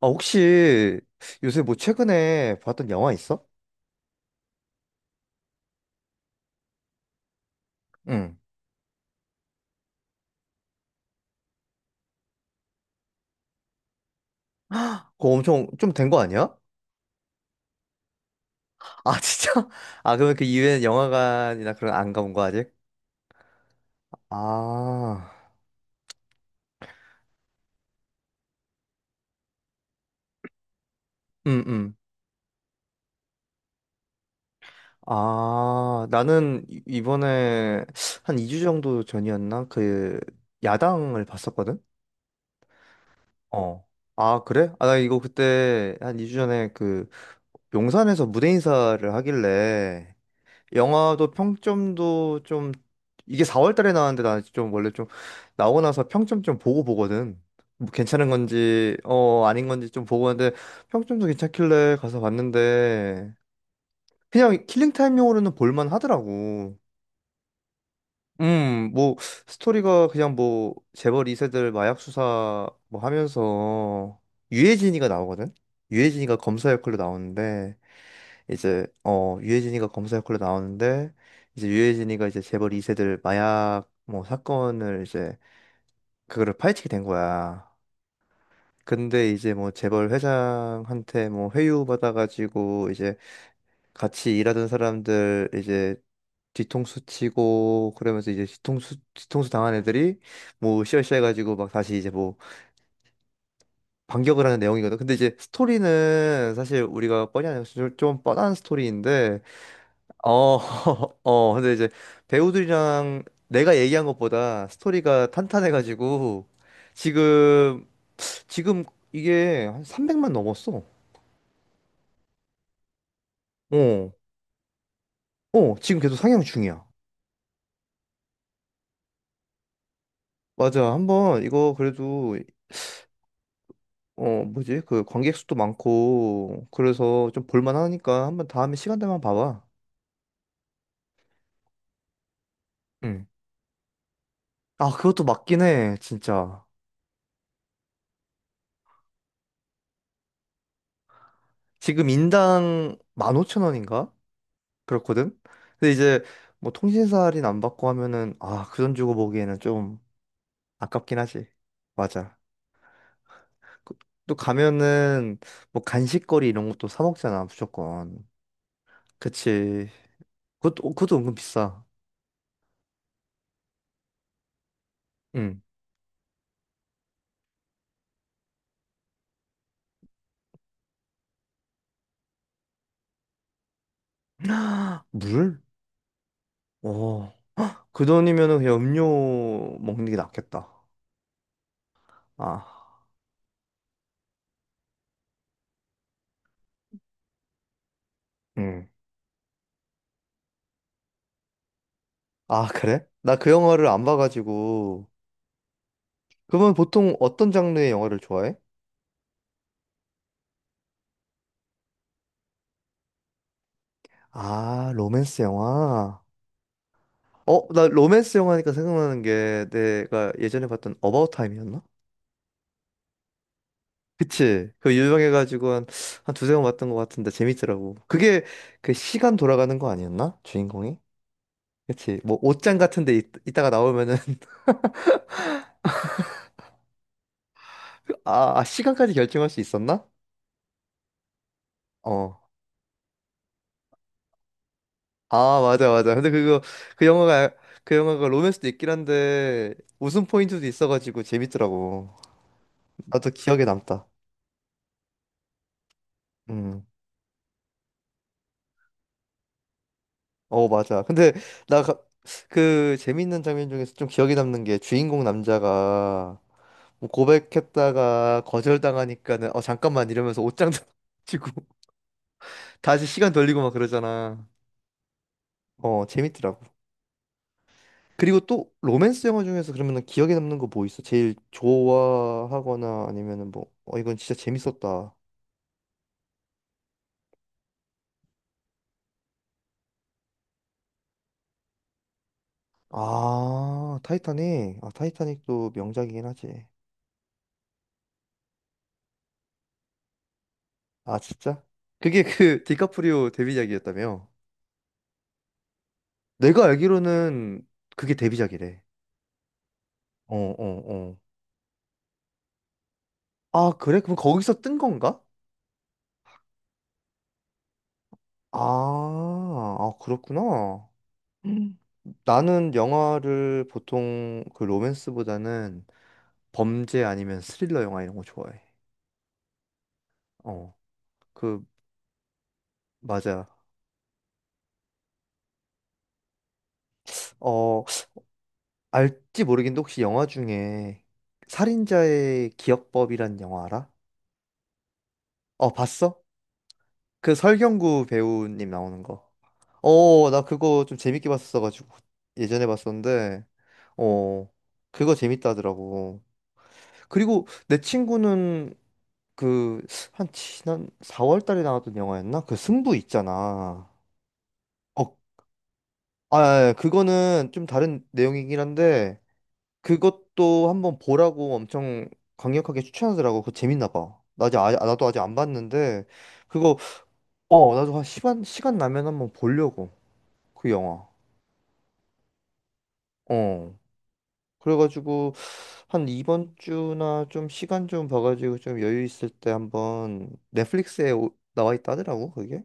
아, 혹시 요새 뭐 최근에 봤던 영화 있어? 응. 그거 엄청 좀 된 거 아니야? 아, 진짜? 아, 그러면 그 이후에는 영화관이나 그런 안 가본 거 아직? 아, 응, 응. 아, 나는 이번에 한 2주 정도 전이었나? 그 야당을 봤었거든? 어. 아, 그래? 아, 나 이거 그때 한 2주 전에 그 용산에서 무대 인사를 하길래 영화도 평점도 좀, 이게 4월 달에 나왔는데, 나 좀 원래 좀 나오고 나서 평점 좀 보고 보거든. 뭐 괜찮은 건지 어 아닌 건지 좀 보고 하는데, 평점도 괜찮길래 가서 봤는데 그냥 킬링 타임용으로는 볼만 하더라고. 뭐 스토리가 그냥 뭐 재벌 2세들 마약 수사 뭐 하면서 유해진이가 나오거든. 유해진이가 검사 역할로 나오는데, 이제 어 유해진이가 검사 역할로 나오는데, 이제 유해진이가 이제 재벌 2세들 마약 뭐 사건을 이제 그거를 파헤치게 된 거야. 근데 이제 뭐 재벌 회장한테 뭐 회유 받아가지고 이제 같이 일하던 사람들 이제 뒤통수 치고 그러면서 이제 뒤통수 당한 애들이 뭐 으쌰으쌰 해가지고 막 다시 이제 뭐 반격을 하는 내용이거든. 근데 이제 스토리는 사실 우리가 뻔히 아는 좀 뻔한 스토리인데, 어, 어, 근데 이제 배우들이랑 내가 얘기한 것보다 스토리가 탄탄해가지고 지금, 지금 이게 한 300만 넘었어. 어, 어, 지금 계속 상향 중이야. 맞아. 한번 이거 그래도, 어, 뭐지? 그 관객 수도 많고, 그래서 좀 볼만하니까 한번 다음에 시간 되면 봐봐. 응. 아, 그것도 맞긴 해, 진짜. 지금 인당 15,000원인가? 그렇거든. 근데 이제 뭐 통신사 할인 안 받고 하면은, 아, 그 돈 주고 보기에는 좀 아깝긴 하지. 맞아. 그- 또 가면은 뭐 간식거리 이런 것도 사 먹잖아, 무조건. 그치. 그것도 어, 그것도 은근 비싸. 응. 물? 오. 그 돈이면은 그냥 음료 먹는 게 낫겠다. 아. 응. 아, 그래? 나 그 영화를 안 봐가지고. 그러면 보통 어떤 장르의 영화를 좋아해? 아, 로맨스 영화? 어, 나 로맨스 영화니까 생각나는 게 내가 예전에 봤던 어바웃 타임이었나? 그치? 그 유명해가지고 한, 한 두세 번 봤던 것 같은데 재밌더라고. 그게 그 시간 돌아가는 거 아니었나? 주인공이? 그치? 뭐 옷장 같은 데 있, 이따가 나오면은 아, 아, 시간까지 결정할 수 있었나? 어. 아, 맞아, 맞아. 근데 그거, 그 영화가 그 영화가 로맨스도 있긴 한데 웃음 포인트도 있어가지고 재밌더라고. 나도 기억에 남다. 음. 어, 맞아. 근데 나 그 재밌는 장면 중에서 좀 기억에 남는 게, 주인공 남자가 뭐 고백했다가 거절당하니까는 어 잠깐만 이러면서 옷장 지고 다시 시간 돌리고 막 그러잖아. 어, 재밌더라고. 그리고 또 로맨스 영화 중에서 그러면은 기억에 남는 거 뭐 있어? 제일 좋아하거나 아니면은 뭐 어 이건 진짜 재밌었다. 아, 타이타닉. 아, 타이타닉도 명작이긴 하지. 아, 진짜? 그게 그 디카프리오 데뷔작이었다며? 내가 알기로는 그게 데뷔작이래. 어, 어, 어. 아, 그래? 그럼 거기서 뜬 건가? 아, 아, 그렇구나. 음. 나는 영화를 보통 그 로맨스보다는 범죄 아니면 스릴러 영화 이런 거 좋아해. 어, 그, 맞아. 어, 알지 모르겠는데, 혹시 영화 중에 살인자의 기억법이란 영화 알아? 어, 봤어? 그 설경구 배우님 나오는 거. 어, 나 그거 좀 재밌게 봤었어가지고 예전에 봤었는데, 어, 그거 재밌다더라고. 그리고 내 친구는 그 한 지난 4월 달에 나왔던 영화였나? 그 승부 있잖아. 어, 아, 예, 그거는 좀 다른 내용이긴 한데, 그것도 한번 보라고 엄청 강력하게 추천하더라고. 그거 재밌나 봐. 나 아직 아, 나도 아직 안 봤는데, 그거 어, 나도 한 시간 시간 나면 한번 보려고 그 영화. 어. 그래가지고 한 이번 주나 좀 시간 좀 봐가지고 좀 여유 있을 때 한번 넷플릭스에 나와 있다 하더라고 그게.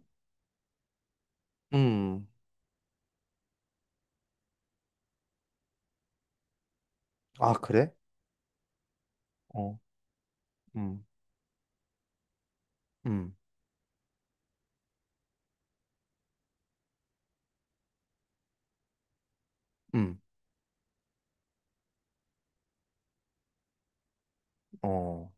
음. 아 그래? 어. 음. 음. 음. 어.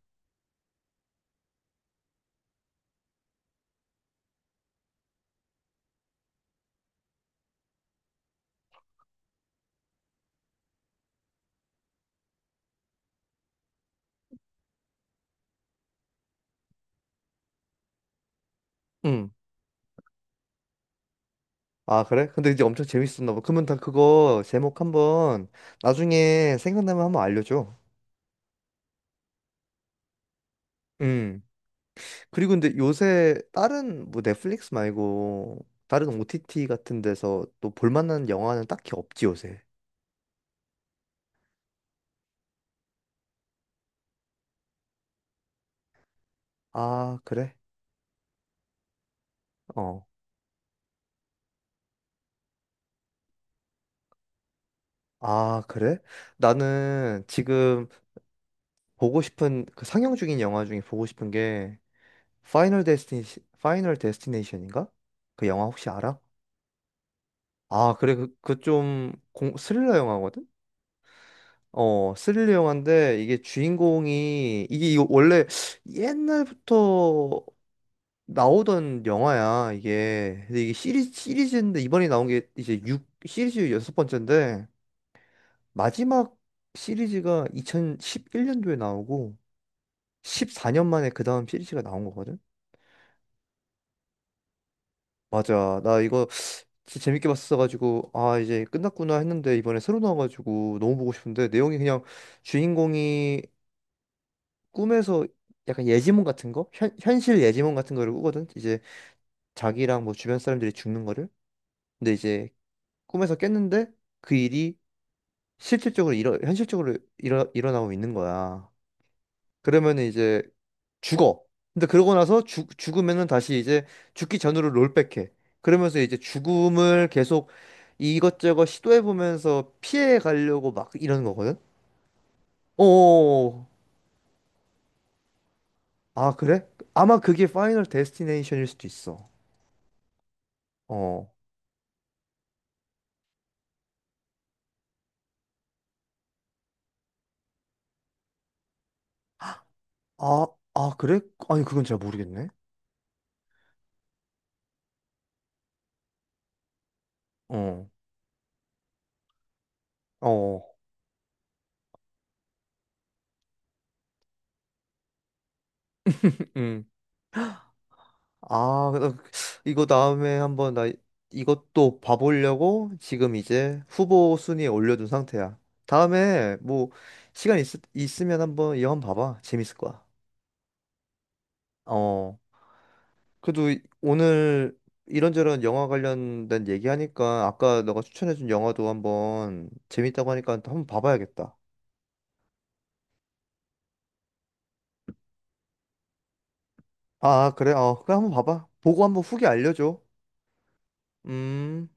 음. 아 그래? 근데 이제 엄청 재밌었나 봐. 그러면 다 그거 제목 한번 나중에 생각나면 한번 알려줘. 음. 그리고 근데 요새 다른 뭐 넷플릭스 말고 다른 OTT 같은 데서 또 볼만한 영화는 딱히 없지 요새. 아 그래? 어. 아, 그래? 나는 지금 보고 싶은 그 상영 중인 영화 중에 보고 싶은 게, 파이널 데스티니, 파이널 데스티네이션인가? 그 영화 혹시 알아? 아, 그래. 그 그좀 스릴러 영화거든? 어, 스릴러 영화인데 이게 주인공이 이게 이거 원래 옛날부터 나오던 영화야, 이게. 근데 이게 시리즈인데 이번에 나온 게 이제 육 시리즈 여섯 번째인데, 마지막 시리즈가 2011년도에 나오고 14년 만에 그 다음 시리즈가 나온 거거든? 맞아. 나 이거 진짜 재밌게 봤어가지고, 아, 이제 끝났구나 했는데, 이번에 새로 나와가지고 너무 보고 싶은데, 내용이 그냥 주인공이 꿈에서 약간 예지몽 같은 거? 현, 현실 예지몽 같은 거를 꾸거든? 이제 자기랑 뭐 주변 사람들이 죽는 거를? 근데 이제 꿈에서 깼는데, 그 일이 실질적으로 일어, 현실적으로 일어, 일어나고 있는 거야. 그러면 이제 죽어. 근데 그러고 나서 죽, 죽으면은 다시 이제 죽기 전으로 롤백해. 그러면서 이제 죽음을 계속 이것저것 시도해보면서 피해 가려고 막 이러는 거거든? 오, 아, 그래? 아마 그게 파이널 데스티네이션일 수도 있어. 어. 아, 아, 그래? 아니, 그건 잘 모르겠네. 어. 어. 음. 아, 이거 다음에 한번 나 이것도 봐보려고 지금 이제 후보 순위에 올려둔 상태야. 다음에 뭐 시간 있, 있으면 한번 이 영화 봐봐. 재밌을 거야. 어. 그래도 오늘 이런저런 영화 관련된 얘기하니까 아까 너가 추천해준 영화도 한번 재밌다고 하니까 또 한번 봐봐야겠다. 아, 그래? 어, 그럼 한번 봐봐. 보고 한번 후기 알려줘. 음.